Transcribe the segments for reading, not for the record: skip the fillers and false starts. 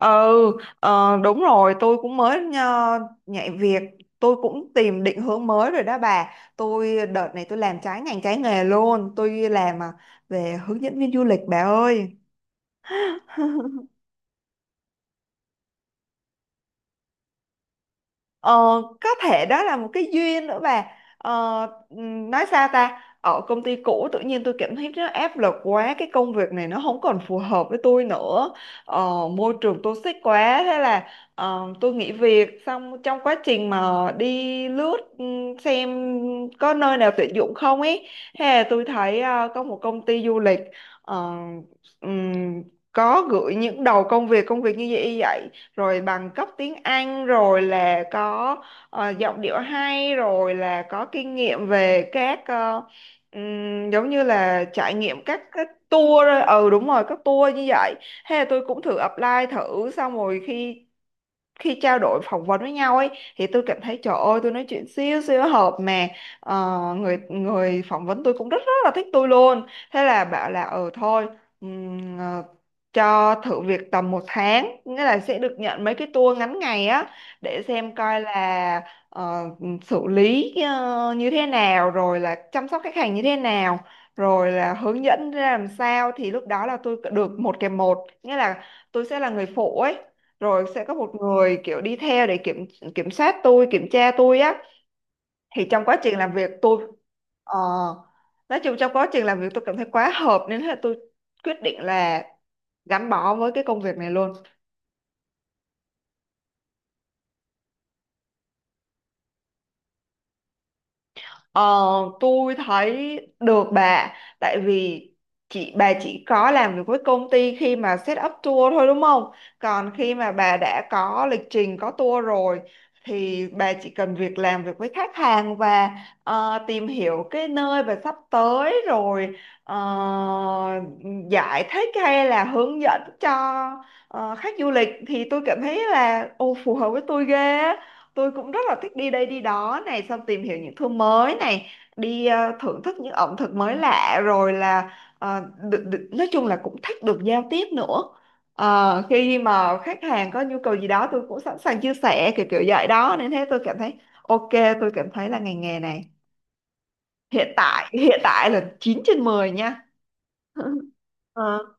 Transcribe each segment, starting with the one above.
Ừ, đúng rồi, tôi cũng mới nhạy việc, tôi cũng tìm định hướng mới rồi đó bà. Tôi đợt này tôi làm trái ngành trái nghề luôn, tôi làm về hướng dẫn viên du lịch bà ơi. Ờ, có thể đó là một cái duyên nữa bà. ờ, nói sao ta, ở công ty cũ tự nhiên tôi cảm thấy nó áp lực quá, cái công việc này nó không còn phù hợp với tôi nữa. Môi trường toxic quá, thế là tôi nghỉ việc. Xong trong quá trình mà đi lướt xem có nơi nào tuyển dụng không ấy, thế là tôi thấy có một công ty du lịch ờ, ừm, có gửi những đầu công việc như vậy vậy, rồi bằng cấp tiếng Anh, rồi là có giọng điệu hay, rồi là có kinh nghiệm về các giống như là trải nghiệm các tour. Ờ, ừ đúng rồi, các tour như vậy. Thế là tôi cũng thử apply thử. Xong rồi khi khi trao đổi phỏng vấn với nhau ấy, thì tôi cảm thấy trời ơi tôi nói chuyện siêu siêu hợp mà. Người người phỏng vấn tôi cũng rất rất là thích tôi luôn. Thế là bảo là ừ thôi, ừm, ờ, cho thử việc tầm 1 tháng, nghĩa là sẽ được nhận mấy cái tour ngắn ngày á, để xem coi là ờ, xử lý như thế nào, rồi là chăm sóc khách hàng như thế nào, rồi là hướng dẫn ra làm sao. Thì lúc đó là tôi được 1 kèm 1, nghĩa là tôi sẽ là người phụ ấy, rồi sẽ có một người kiểu đi theo để kiểm kiểm soát tôi, kiểm tra tôi á. Thì trong quá trình làm việc tôi ờ, nói chung trong quá trình làm việc tôi cảm thấy quá hợp, nên là tôi quyết định là gắn bó với cái công việc này luôn. Ờ, tôi thấy được bà, tại vì chị bà chỉ có làm việc với công ty khi mà set up tour thôi đúng không? Còn khi mà bà đã có lịch trình có tour rồi thì bà chỉ cần việc làm việc với khách hàng và tìm hiểu cái nơi bà sắp tới, rồi ờ, giải thích hay là hướng dẫn cho khách du lịch, thì tôi cảm thấy là ô phù hợp với tôi ghê á. Tôi cũng rất là thích đi đây đi đó này, xong tìm hiểu những thứ mới này, đi thưởng thức những ẩm thực mới lạ, rồi là ờ, được, được, nói chung là cũng thích được giao tiếp nữa. Ờ, khi mà khách hàng có nhu cầu gì đó, tôi cũng sẵn sàng chia sẻ kiểu kiểu vậy đó, nên thế tôi cảm thấy ok, tôi cảm thấy là ngành nghề này hiện tại là 9 trên 10 nha. Ờ.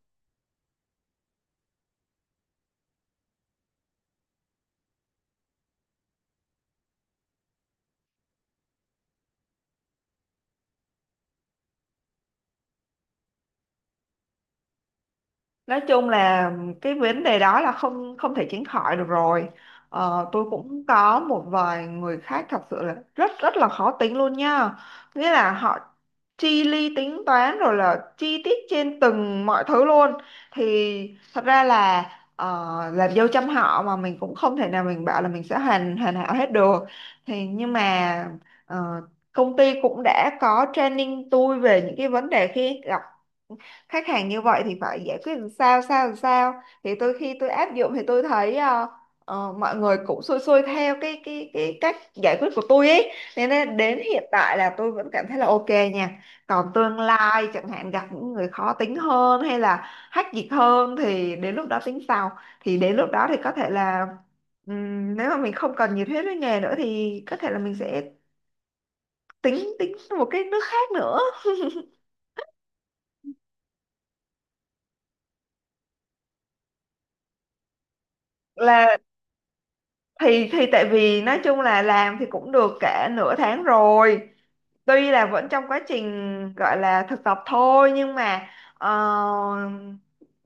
Nói chung là cái vấn đề đó là không không thể tránh khỏi được rồi. Tôi cũng có một vài người khác thật sự là rất rất là khó tính luôn nha, nghĩa là họ chi ly tính toán, rồi là chi tiết trên từng mọi thứ luôn. Thì thật ra là làm dâu trăm họ mà, mình cũng không thể nào mình bảo là mình sẽ hoàn hoàn hảo hết được. Thì nhưng mà ờ, công ty cũng đã có training tôi về những cái vấn đề khi gặp khách hàng như vậy thì phải giải quyết làm sao. Thì tôi khi tôi áp dụng thì tôi thấy mọi người cũng xuôi xuôi theo cái cách giải quyết của tôi ấy, nên là đến hiện tại là tôi vẫn cảm thấy là ok nha. Còn tương lai chẳng hạn gặp những người khó tính hơn hay là hách dịch hơn thì đến lúc đó tính sau. Thì đến lúc đó thì có thể là nếu mà mình không còn nhiệt huyết với nghề nữa thì có thể là mình sẽ tính tính một cái nước khác nữa. Là thì, tại vì nói chung là làm thì cũng được cả nửa tháng rồi, tuy là vẫn trong quá trình gọi là thực tập thôi, nhưng mà ờ,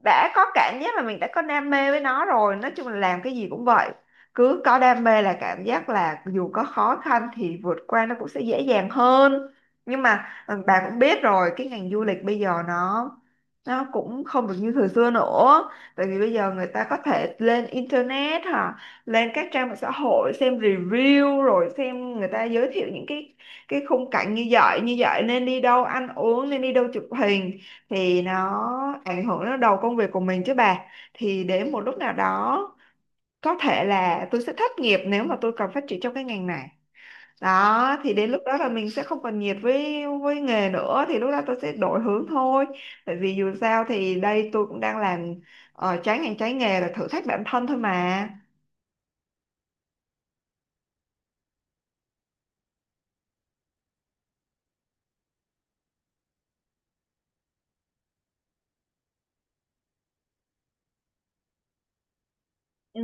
đã có cảm giác là mình đã có đam mê với nó rồi. Nói chung là làm cái gì cũng vậy, cứ có đam mê là cảm giác là dù có khó khăn thì vượt qua nó cũng sẽ dễ dàng hơn. Nhưng mà ừ, bà cũng biết rồi, cái ngành du lịch bây giờ nó cũng không được như thời xưa nữa. Tại vì bây giờ người ta có thể lên internet hả, lên các trang mạng xã hội xem review, rồi xem người ta giới thiệu những cái khung cảnh như vậy như vậy, nên đi đâu ăn uống, nên đi đâu chụp hình, thì nó ảnh hưởng đến đầu công việc của mình chứ bà. Thì đến một lúc nào đó có thể là tôi sẽ thất nghiệp nếu mà tôi cần phát triển trong cái ngành này đó. Thì đến lúc đó là mình sẽ không còn nhiệt với nghề nữa thì lúc đó tôi sẽ đổi hướng thôi. Tại vì dù sao thì đây tôi cũng đang làm trái ngành trái nghề, là thử thách bản thân thôi mà. Ừ,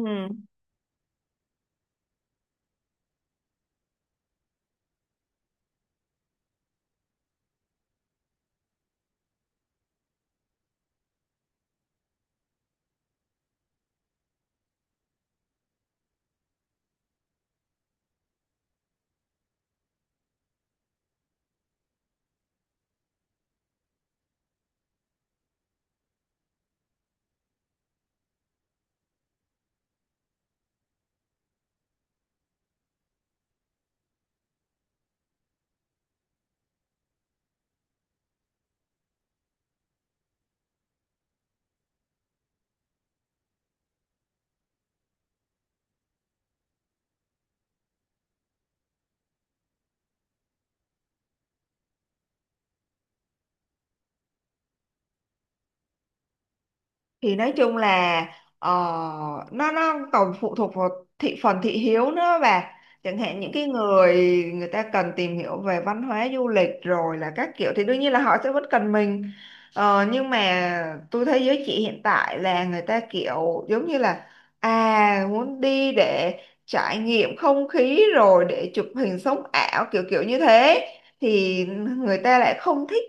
thì nói chung là ờ, nó còn phụ thuộc vào thị phần thị hiếu nữa bà. Chẳng hạn những cái người người ta cần tìm hiểu về văn hóa du lịch rồi là các kiểu, thì đương nhiên là họ sẽ vẫn cần mình. Ờ, nhưng mà tôi thấy giới trẻ hiện tại là người ta kiểu giống như là à muốn đi để trải nghiệm không khí, rồi để chụp hình sống ảo kiểu kiểu như thế, thì người ta lại không thích,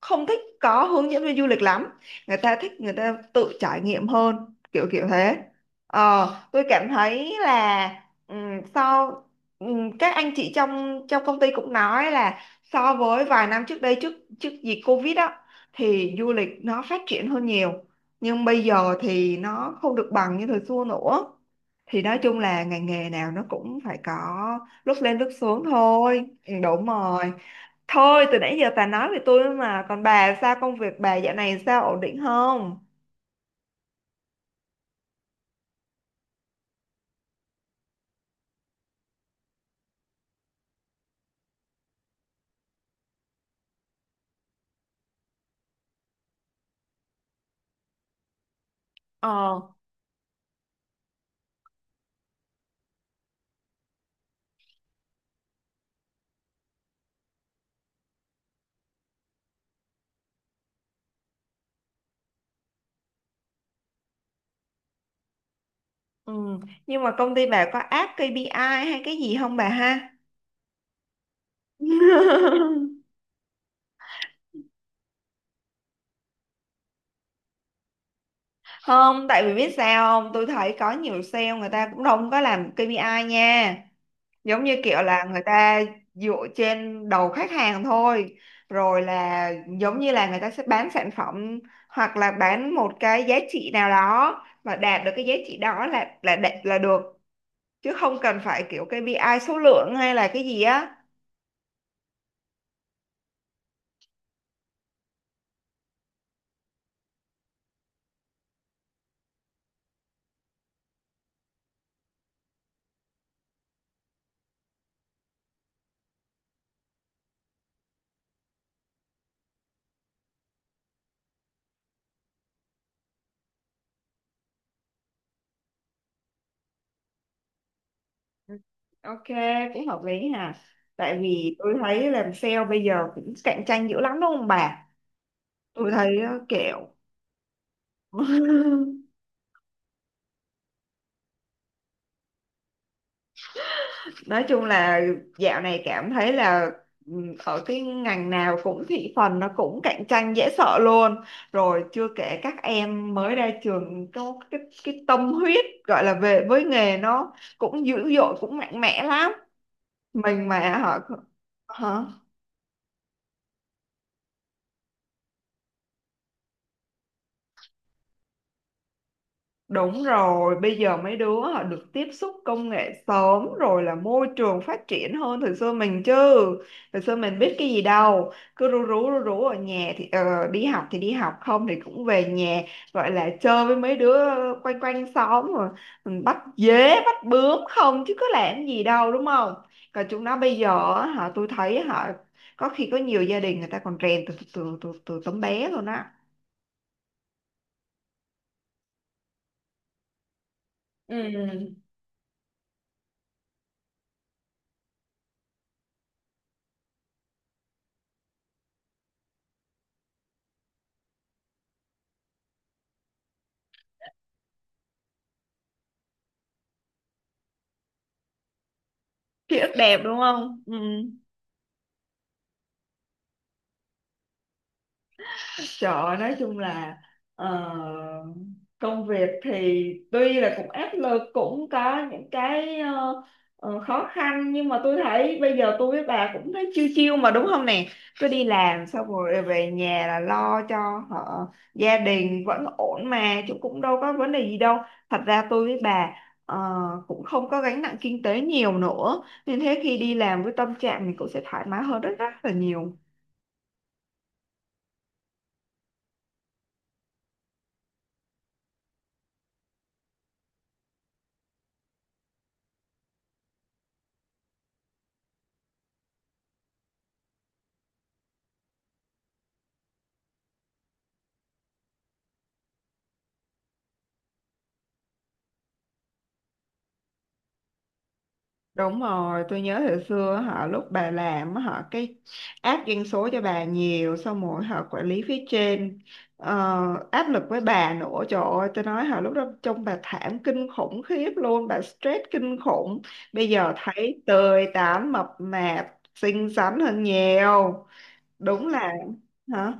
không thích có hướng dẫn viên du lịch lắm. Người ta thích người ta tự trải nghiệm hơn kiểu kiểu thế. Tôi cảm thấy là ừm, so các anh chị trong trong công ty cũng nói là so với vài năm trước đây, trước trước dịch Covid á, thì du lịch nó phát triển hơn nhiều, nhưng bây giờ thì nó không được bằng như thời xưa nữa. Thì nói chung là ngành nghề nào nó cũng phải có lúc lên lúc xuống thôi. Ừ, đúng rồi. Thôi từ nãy giờ bà nói về tôi mà. Còn bà sao, công việc bà dạo này sao, ổn định không? Ờ ừ. Nhưng mà công ty bà có áp KPI hay cái gì không bà ha? Không, tại vì biết sao không, tôi thấy có nhiều sale người ta cũng không có làm KPI nha. Giống như kiểu là người ta dựa trên đầu khách hàng thôi. Rồi là giống như là người ta sẽ bán sản phẩm, hoặc là bán một cái giá trị nào đó, mà đạt được cái giá trị đó là đạt là được, chứ không cần phải kiểu KPI số lượng hay là cái gì á. Ừ, ok, cũng hợp lý hà. Tại vì tôi thấy làm sale bây giờ cũng cạnh tranh dữ lắm đúng không bà? Tôi thấy kiểu nói chung là dạo này cảm thấy là ừ, ở cái ngành nào cũng thị phần nó cũng cạnh tranh dễ sợ luôn. Rồi chưa kể các em mới ra trường có cái tâm huyết gọi là về với nghề, nó cũng dữ dội cũng mạnh mẽ lắm. Mình mà họ hả. Đúng rồi, bây giờ mấy đứa họ được tiếp xúc công nghệ sớm, rồi là môi trường phát triển hơn thời xưa mình chứ. Thời xưa mình biết cái gì đâu, cứ rú rú rú rú ở nhà. Thì đi học thì đi học, không thì cũng về nhà, gọi là chơi với mấy đứa quanh quanh xóm, rồi mình bắt dế, bắt bướm không chứ có làm gì đâu đúng không? Còn chúng nó bây giờ á, họ tôi thấy họ có khi có nhiều gia đình người ta còn rèn từ từ từ từ, từ tấm bé luôn á. Ừ. Ký ức đẹp đúng không? Ừ. Trời ơi, nói chung là ờ, công việc thì tuy là cũng áp lực, cũng có những cái khó khăn, nhưng mà tôi thấy bây giờ tôi với bà cũng thấy chiêu chiêu mà đúng không nè. Cứ đi làm xong rồi về nhà là lo cho họ gia đình vẫn ổn mà, chứ cũng đâu có vấn đề gì đâu. Thật ra tôi với bà ờ, cũng không có gánh nặng kinh tế nhiều nữa, nên thế khi đi làm với tâm trạng mình cũng sẽ thoải mái hơn rất rất là nhiều. Đúng rồi, tôi nhớ hồi xưa họ lúc bà làm á, họ cái áp doanh số cho bà nhiều, xong rồi họ quản lý phía trên áp lực với bà nữa, trời ơi tôi nói họ lúc đó trông bà thảm kinh khủng khiếp luôn, bà stress kinh khủng. Bây giờ thấy tươi tắn mập mạp xinh xắn hơn nhiều, đúng là hả.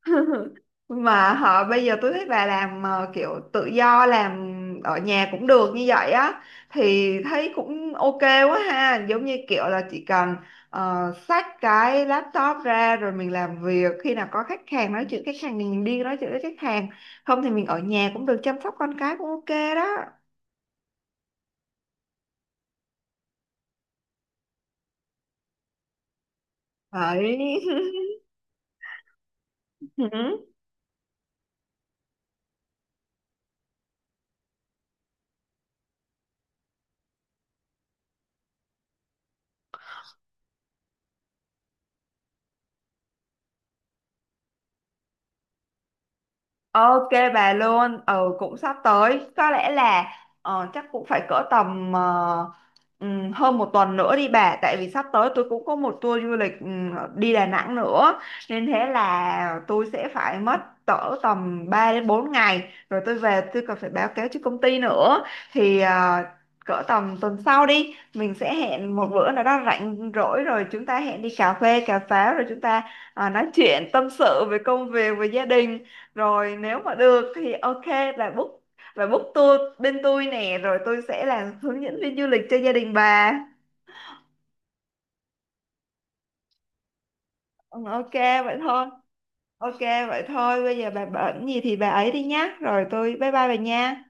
Mà họ bây giờ tôi thấy bà làm kiểu tự do, làm ở nhà cũng được như vậy á, thì thấy cũng ok quá ha. Giống như kiểu là chỉ cần xách cái laptop ra rồi mình làm việc, khi nào có khách hàng nói chuyện khách hàng thì mình đi nói chuyện với khách hàng, không thì mình ở nhà cũng được, chăm sóc con cái cũng ok đó đấy. Ok bà luôn. Ừ cũng sắp tới, có lẽ là chắc cũng phải cỡ tầm hơn 1 tuần nữa đi bà, tại vì sắp tới tôi cũng có một tour du lịch đi Đà Nẵng nữa, nên thế là tôi sẽ phải mất cỡ tầm 3 đến 4 ngày, rồi tôi về tôi còn phải báo cáo cho công ty nữa. Thì cỡ tầm tuần sau đi, mình sẽ hẹn một bữa nào đó rảnh rỗi rồi chúng ta hẹn đi cà phê, cà pháo, rồi chúng ta nói chuyện tâm sự về công việc, về gia đình. Rồi nếu mà được thì ok là book, là book tour bên tôi nè, rồi tôi sẽ làm hướng dẫn viên du lịch cho gia đình bà. Ừ, ok vậy thôi. Ok vậy thôi, bây giờ bà bận gì thì bà ấy đi nhá. Rồi tôi bye bye bà nha.